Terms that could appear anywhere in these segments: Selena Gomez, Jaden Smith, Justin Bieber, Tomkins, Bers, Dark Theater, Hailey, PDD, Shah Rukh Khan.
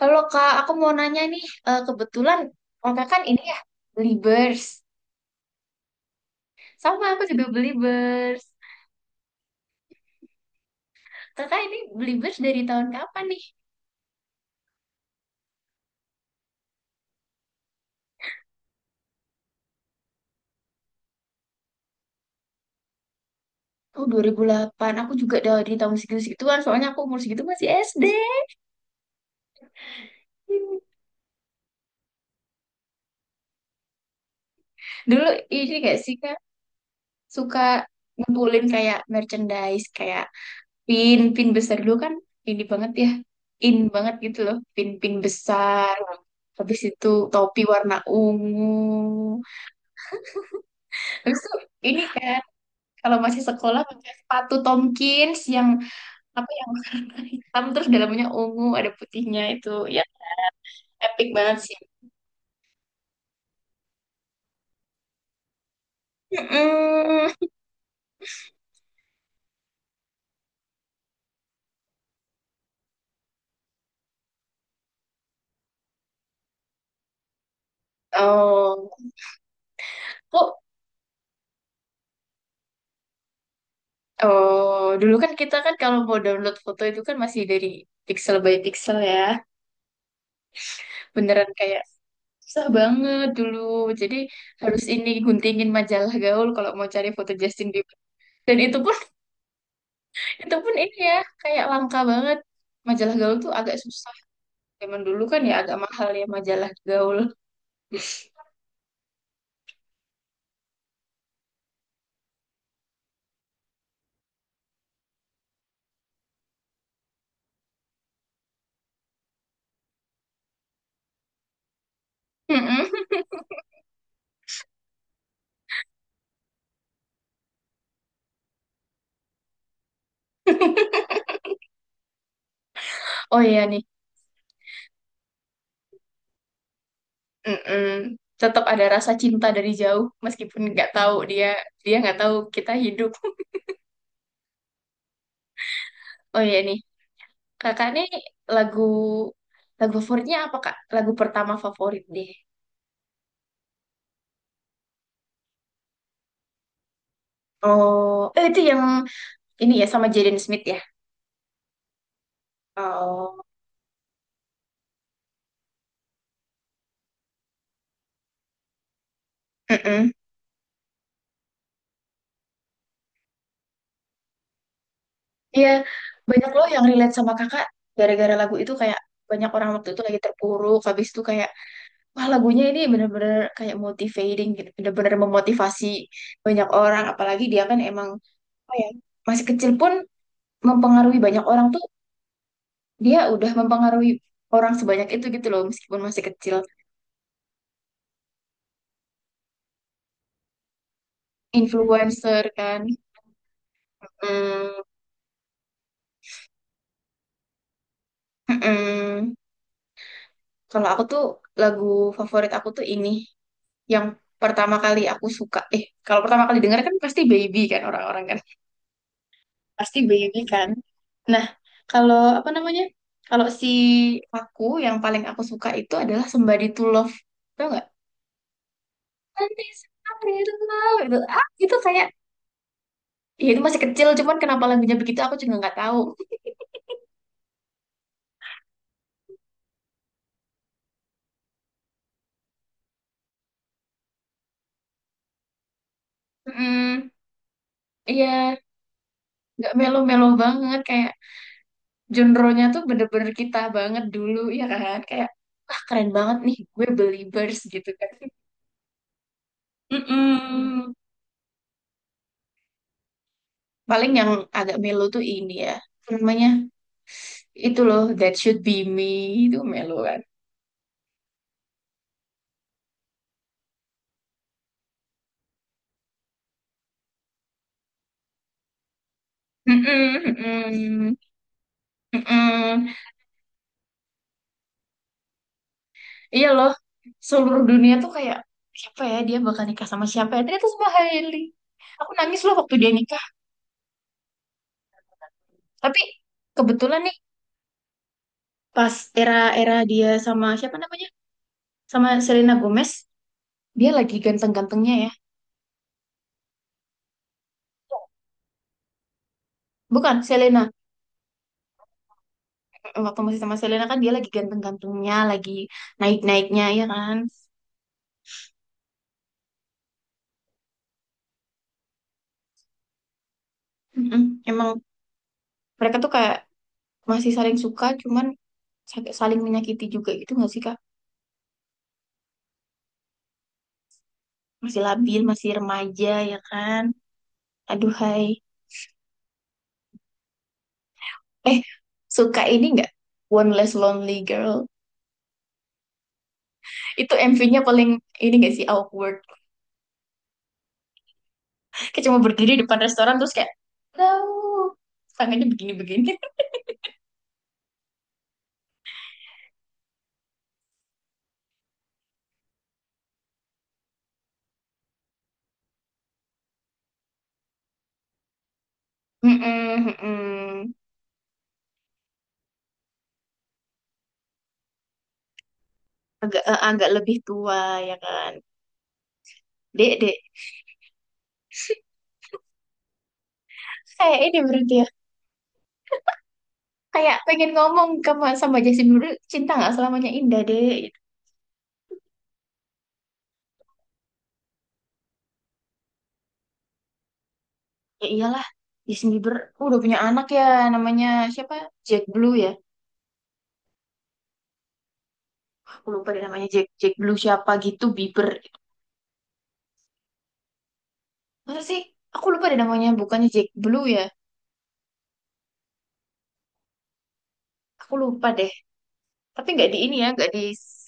Halo Kak, aku mau nanya nih, kebetulan kakak kan ini ya beli Bers. Sama aku juga beli Bers. Kakak ini beli Bers dari tahun kapan nih? Oh 2008 aku juga dari tahun segitu-segituan, soalnya aku umur segitu masih SD. Dulu ini gak sih Kak, suka ngumpulin kayak merchandise, kayak pin, besar dulu kan ini banget ya, in banget gitu loh, pin-pin besar. Habis itu topi warna ungu. Habis itu ini kan. Kalau masih sekolah pakai sepatu Tomkins yang apa yang warna hitam terus dalamnya ungu ada putihnya itu ya epic banget sih. Mm-mm. Oh, kok oh dulu kan kita kan kalau mau download foto itu kan masih dari pixel by pixel ya. Beneran kayak susah banget dulu. Jadi harus ini guntingin majalah gaul kalau mau cari foto Justin Bieber. Dan itu pun itu pun ini ya kayak langka banget. Majalah gaul tuh agak susah. Zaman dulu kan ya agak mahal ya majalah gaul. Mm-mm. Oh iya nih. Mm-mm. Tetap ada rasa cinta dari jauh meskipun nggak tahu dia dia nggak tahu kita hidup. Oh iya nih, kakak nih lagu lagu favoritnya apa kak? Lagu pertama favorit deh. Oh, itu yang ini ya sama Jaden Smith ya. Oh, mm. Iya, banyak loh yang relate sama kakak gara-gara lagu itu kayak banyak orang waktu itu lagi terpuruk, habis itu kayak wah, lagunya ini bener-bener kayak motivating gitu. Bener-bener memotivasi banyak orang. Apalagi dia kan emang apa ya, masih kecil pun mempengaruhi banyak orang tuh. Dia udah mempengaruhi orang sebanyak itu gitu loh. Meskipun masih kecil. Influencer kan. Mm, mm-mm. Kalau aku tuh lagu favorit aku tuh ini. Yang pertama kali aku suka. Kalau pertama kali denger kan pasti Baby kan orang-orang kan. Pasti BUB kan. Nah, kalau apa namanya? Kalau si aku yang paling aku suka itu adalah Somebody to Love. Tau nggak? Nanti Somebody to Love itu ah itu kayak ya itu masih kecil cuman kenapa lagunya begitu aku juga nggak tahu. Mm, iya, nggak melo-melo banget kayak genre-nya tuh bener-bener kita banget dulu ya kan kayak wah keren banget nih gue believers gitu kan. Mm-mm. Paling yang agak melo tuh ini ya. Apa namanya itu loh That Should Be Me itu melu kan. Mm-mm, mm-mm, mm-mm. Iya loh seluruh dunia tuh kayak siapa ya dia bakal nikah sama siapa ya ternyata sama Hailey. Aku nangis loh waktu dia nikah, tapi kebetulan nih pas era-era dia sama siapa namanya sama Selena Gomez dia lagi ganteng-gantengnya ya bukan Selena. Eh, waktu masih sama Selena kan dia lagi ganteng-gantengnya lagi naik-naiknya ya kan. Mm-mm. Emang mereka tuh kayak masih saling suka, cuman saling menyakiti juga gitu nggak sih Kak? Masih labil, masih remaja ya kan? Aduhai. Eh, suka ini nggak? One Less Lonely Girl. Itu MV-nya paling ini nggak sih awkward. Kayak cuma berdiri di depan restoran terus kayak tahu tangannya begini-begini. Mm-mm, mm-mm. Agak agak lebih tua ya kan. Dek, dek. Kayak ini berarti ya. Kayak pengen ngomong sama sama Justin Bieber, cinta nggak selamanya indah, dek. Ya iyalah, Justin Bieber udah punya anak ya, namanya siapa? Jack Blue ya. Aku lupa deh namanya Jack Jack Blue siapa gitu Bieber. Masa sih? Aku lupa deh namanya, bukannya Jack Blue ya. Aku lupa deh. Tapi nggak di ini ya, nggak di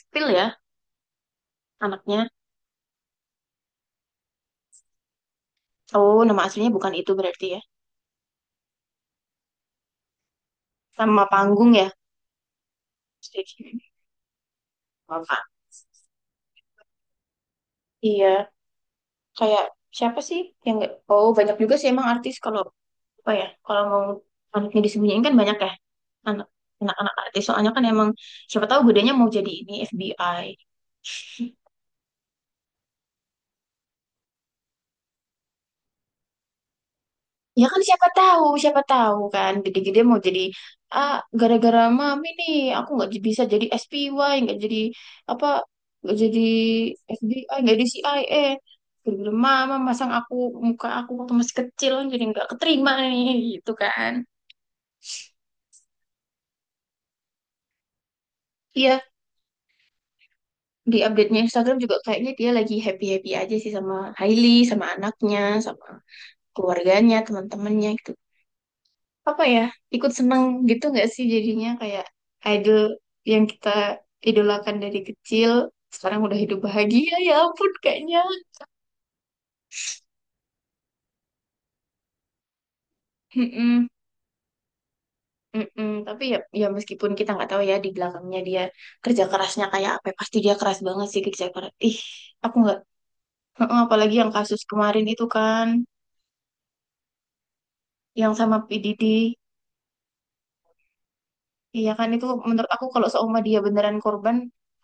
spill ya anaknya. Oh, nama aslinya bukan itu berarti ya. Nama panggung ya. Jadi, apa iya, kayak siapa sih yang nggak? Oh, banyak juga sih emang artis kalau oh ya, kalau mau anaknya disembunyiin kan banyak ya. Anak, anak-anak artis. Soalnya kan emang siapa tahu gedenya mau jadi ini FBI. Ya kan siapa tahu kan gede-gede mau jadi ah gara-gara mami nih aku nggak bisa jadi SPY, nggak jadi apa, nggak jadi FBI, nggak jadi CIA. Gara-gara mama masang aku muka aku waktu masih kecil jadi nggak keterima nih gitu kan. Iya di update-nya Instagram juga kayaknya dia lagi happy-happy aja sih sama Hailey, sama anaknya, sama keluarganya, teman-temannya gitu. Apa ya, ikut seneng gitu nggak sih jadinya kayak idol yang kita idolakan dari kecil, sekarang udah hidup bahagia, ya ampun kayaknya. Mm-mm, mm-mm. Tapi ya, ya meskipun kita nggak tahu ya di belakangnya dia kerja kerasnya kayak apa, pasti dia keras banget sih kerja keras. Ih, aku nggak, heeh, apalagi yang kasus kemarin itu kan, yang sama PDD. Iya kan itu menurut aku kalau seumur dia beneran korban,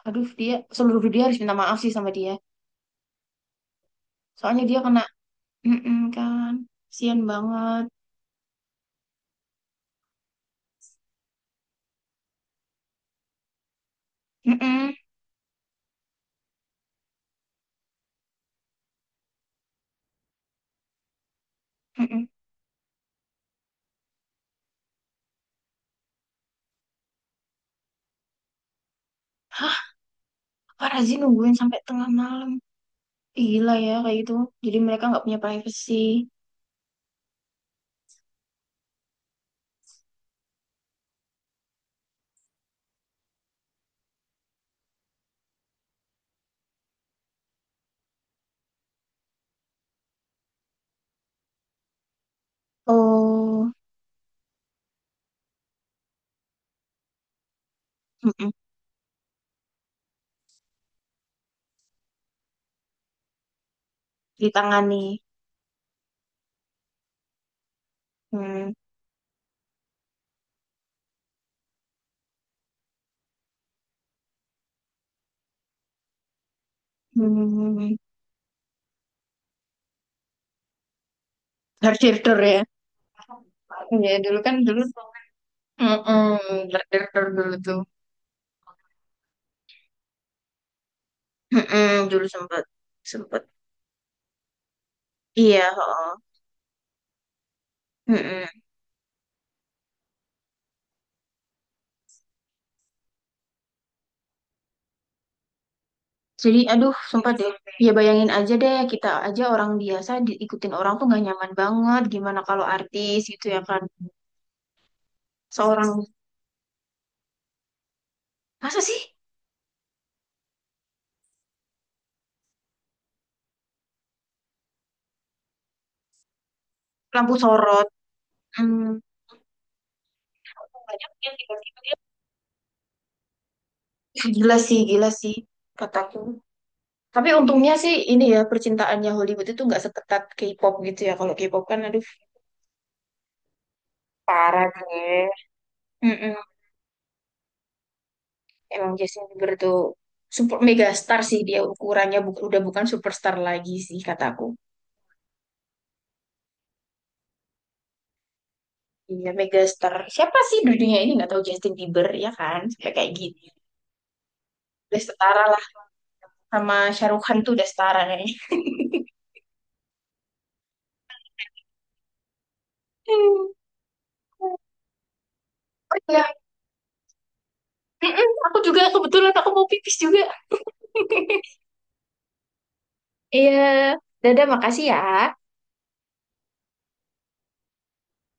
aduh dia seluruh dunia harus minta maaf sih sama dia. Soalnya dia kena, mm kan, sian banget. Mm-mm, mm-mm. Hah, Parazi nungguin sampai tengah malam. Gila ya kayak gitu. Jadi mereka nggak punya privacy. Oh, mm-mm. Ditangani. Hmm. Hmm, hmm, hmm, hmm. Dark Theater ya. Iya dulu kan dulu. Mm-mm. Dark Theater dulu tuh. Mm-mm. Dulu sempet sempet. Iya, heeh. Jadi, aduh, sumpah deh. Ya bayangin aja deh, kita aja orang biasa diikutin orang tuh nggak nyaman banget. Gimana kalau artis gitu ya kan? Seorang, masa sih? Lampu sorot. Hmm, banyak yang tiba-tiba. Ih, gila sih, gila sih, kataku. Tapi untungnya sih ini ya, percintaannya Hollywood itu nggak seketat K-pop gitu ya. Kalau K-pop kan, aduh, parah deh. Mm-mm. Emang Justin Bieber tuh super megastar sih dia ukurannya udah bukan superstar lagi sih kataku. Iya, megastar. Siapa sih di dunia ini nggak tahu Justin Bieber ya kan? Sampai kayak gini. Udah setara lah sama Shah Rukh Khan tuh udah setara kayaknya. Oh iya, mm-mm, aku juga kebetulan aku mau pipis juga. Iya, dadah makasih ya.